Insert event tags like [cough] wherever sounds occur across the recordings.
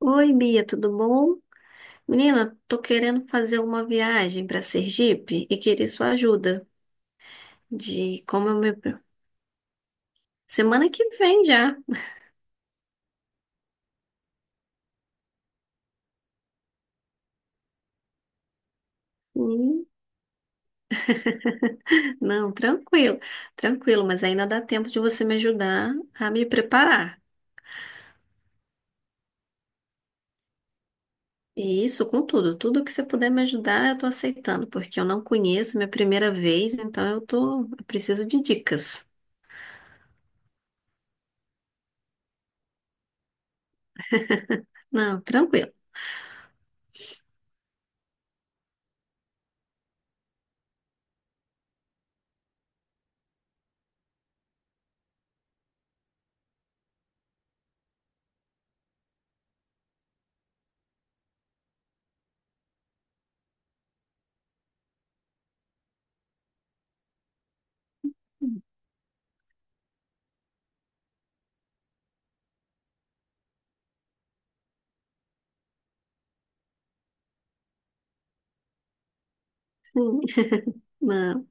Oi, Bia, tudo bom? Menina, tô querendo fazer uma viagem para Sergipe e queria sua ajuda de como eu me... Semana que vem já. Hum, não, tranquilo, tranquilo, mas ainda dá tempo de você me ajudar a me preparar. E isso com tudo, tudo que você puder me ajudar, eu tô aceitando, porque eu não conheço, é minha primeira vez, então eu preciso de dicas. Não, tranquilo. Sim, não.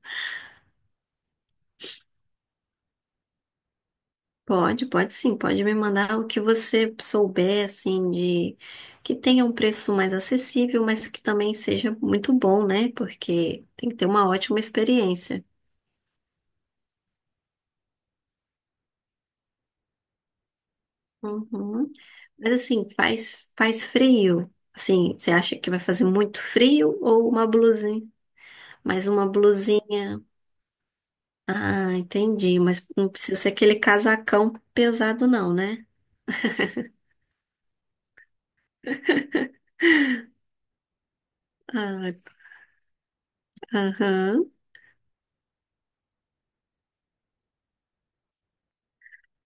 Pode, pode sim, pode me mandar o que você souber, assim, de que tenha um preço mais acessível, mas que também seja muito bom, né? Porque tem que ter uma ótima experiência. Uhum. Mas assim, faz frio. Assim, você acha que vai fazer muito frio ou uma blusinha? Mais uma blusinha. Ah, entendi. Mas não precisa ser aquele casacão pesado, não, né? Ah, aham.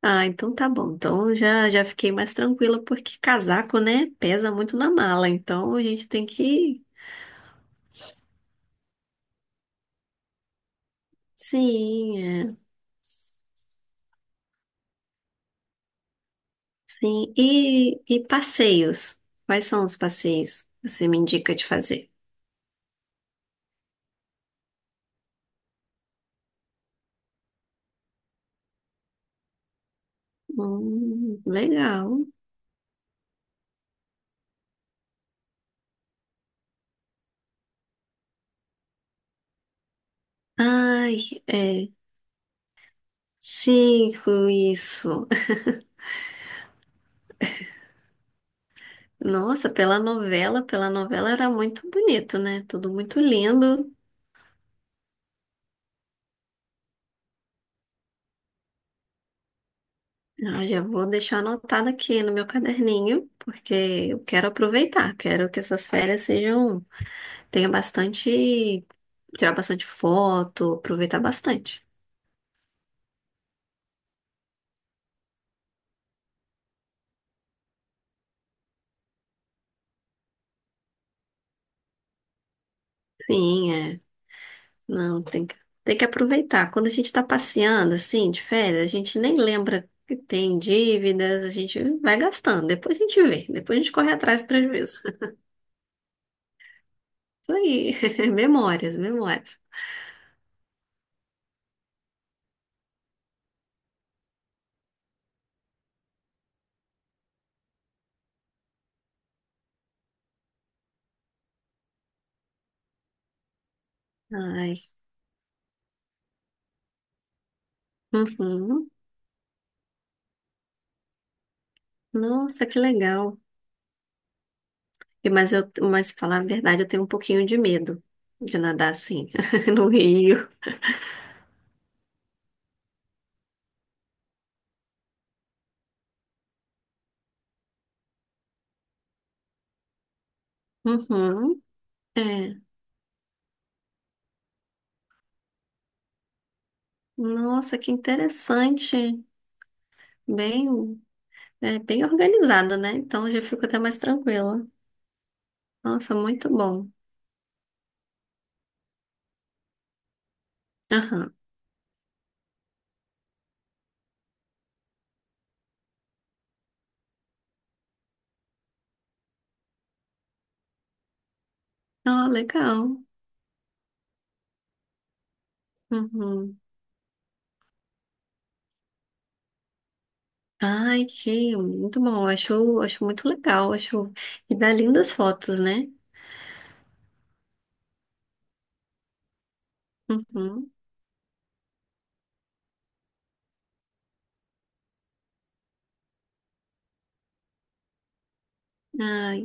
Ah, então tá bom. Então já fiquei mais tranquila, porque casaco, né, pesa muito na mala. Então a gente tem que. Sim, é. Sim. E passeios? Quais são os passeios que você me indica de fazer? Legal. Ai, é. Cinco, isso. [laughs] Nossa, pela novela era muito bonito, né? Tudo muito lindo. Ah, já vou deixar anotado aqui no meu caderninho, porque eu quero aproveitar, quero que essas férias sejam, tenha bastante, tirar bastante foto, aproveitar bastante. Sim, é. Não, tem que aproveitar. Quando a gente tá passeando, assim, de férias, a gente nem lembra que tem dívidas, a gente vai gastando. Depois a gente vê, depois a gente corre atrás do prejuízo. [laughs] Isso aí, [laughs] memórias, memórias. Ai, uhum. Nossa, que legal. Mas falar a verdade, eu tenho um pouquinho de medo de nadar assim, [laughs] no rio. Uhum, é. Nossa, que interessante. Bem, é, bem organizado, né? Então já fico até mais tranquila. Nossa, muito bom. Aham. Ah, legal. Uhum. Ai, que muito bom. Acho, acho muito legal. Acho... E dá lindas fotos, né? Uhum. Ai,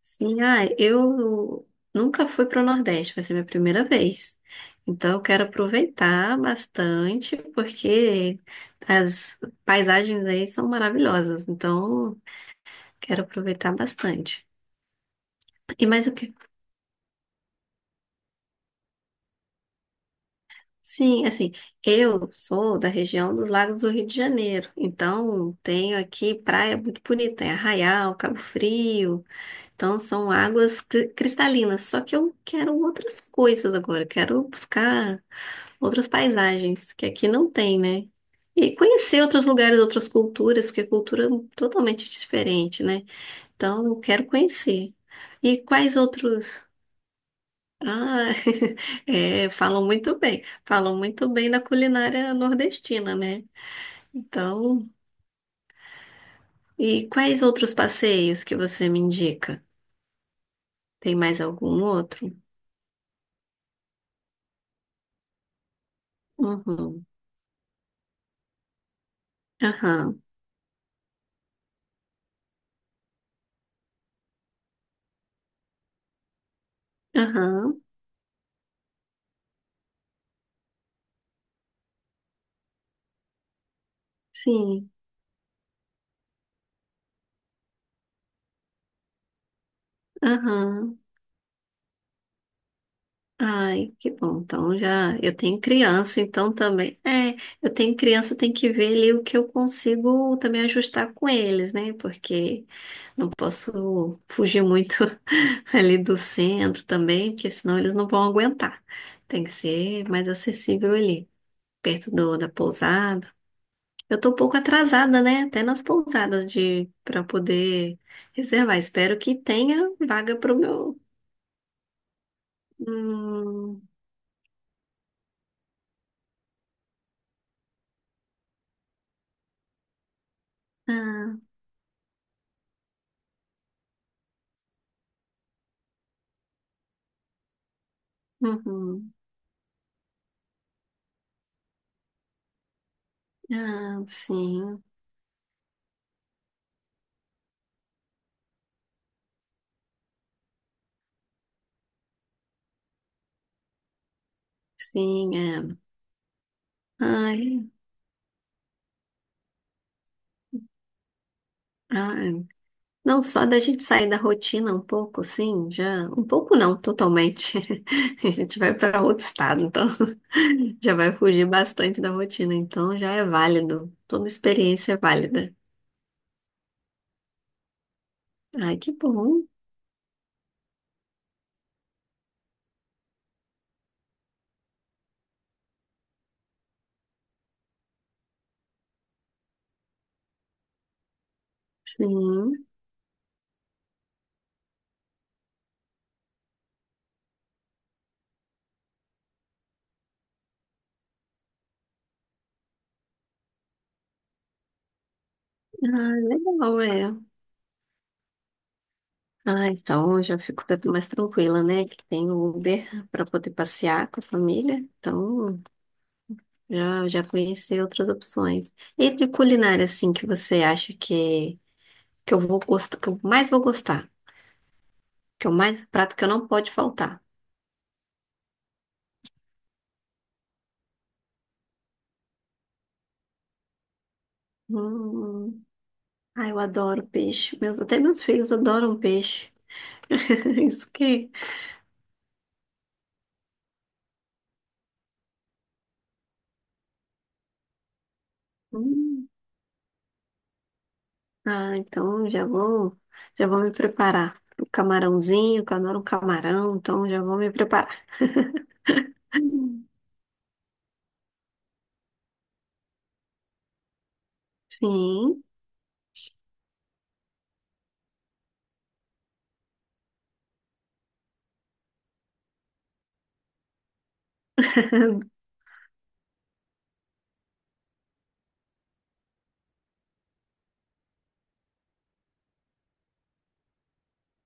Sim, ah, eu nunca fui para o Nordeste, vai ser minha primeira vez. Então eu quero aproveitar bastante, porque as paisagens aí são maravilhosas. Então quero aproveitar bastante. E mais o que? Sim, assim, eu sou da região dos Lagos do Rio de Janeiro, então tenho aqui praia muito bonita, é Arraial, Cabo Frio, então são águas cri- cristalinas. Só que eu quero outras coisas agora, eu quero buscar outras paisagens, que aqui não tem, né? E conhecer outros lugares, outras culturas, porque cultura é totalmente diferente, né? Então, eu quero conhecer. E quais outros? Ah, [laughs] é, falam muito bem. Falam muito bem da culinária nordestina, né? Então, e quais outros passeios que você me indica? Tem mais algum outro? Uhum. Aham. Aham. Sim. Aham. Ai, que bom. Então já eu tenho criança, então também. É, eu tenho criança, eu tenho que ver ali o que eu consigo também ajustar com eles, né? Porque não posso fugir muito [laughs] ali do centro também, porque senão eles não vão aguentar. Tem que ser mais acessível ali, da pousada. Eu tô um pouco atrasada, né? Até nas pousadas de para poder reservar. Espero que tenha vaga pro meu. Hum, ah, uhum. Ah, sim, sim, é. Ai, ai. Não, só da gente sair da rotina um pouco, sim, já. Um pouco não, totalmente. [laughs] A gente vai para outro estado, então [laughs] já vai fugir bastante da rotina, então já é válido. Toda experiência é válida. Ai, que bom. Sim. Ah, legal, é. Ah, então eu já fico mais tranquila, né? Que tem o Uber para poder passear com a família. Então já conheci outras opções. E de culinária, assim, que você acha que eu vou gostar, que eu mais vou gostar, que é o mais prato que eu não pode faltar. Hum, ai, eu adoro peixe. Meus, até meus filhos adoram peixe. [laughs] Isso que. Hum, ah, já vou me preparar. O camarãozinho, que eu adoro um camarão, então já vou me preparar. [laughs] Sim,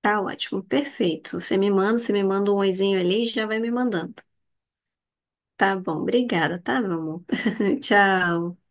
tá ótimo, perfeito. Você me manda um oizinho ali e já vai me mandando. Tá bom, obrigada, tá, meu amor? [laughs] Tchau.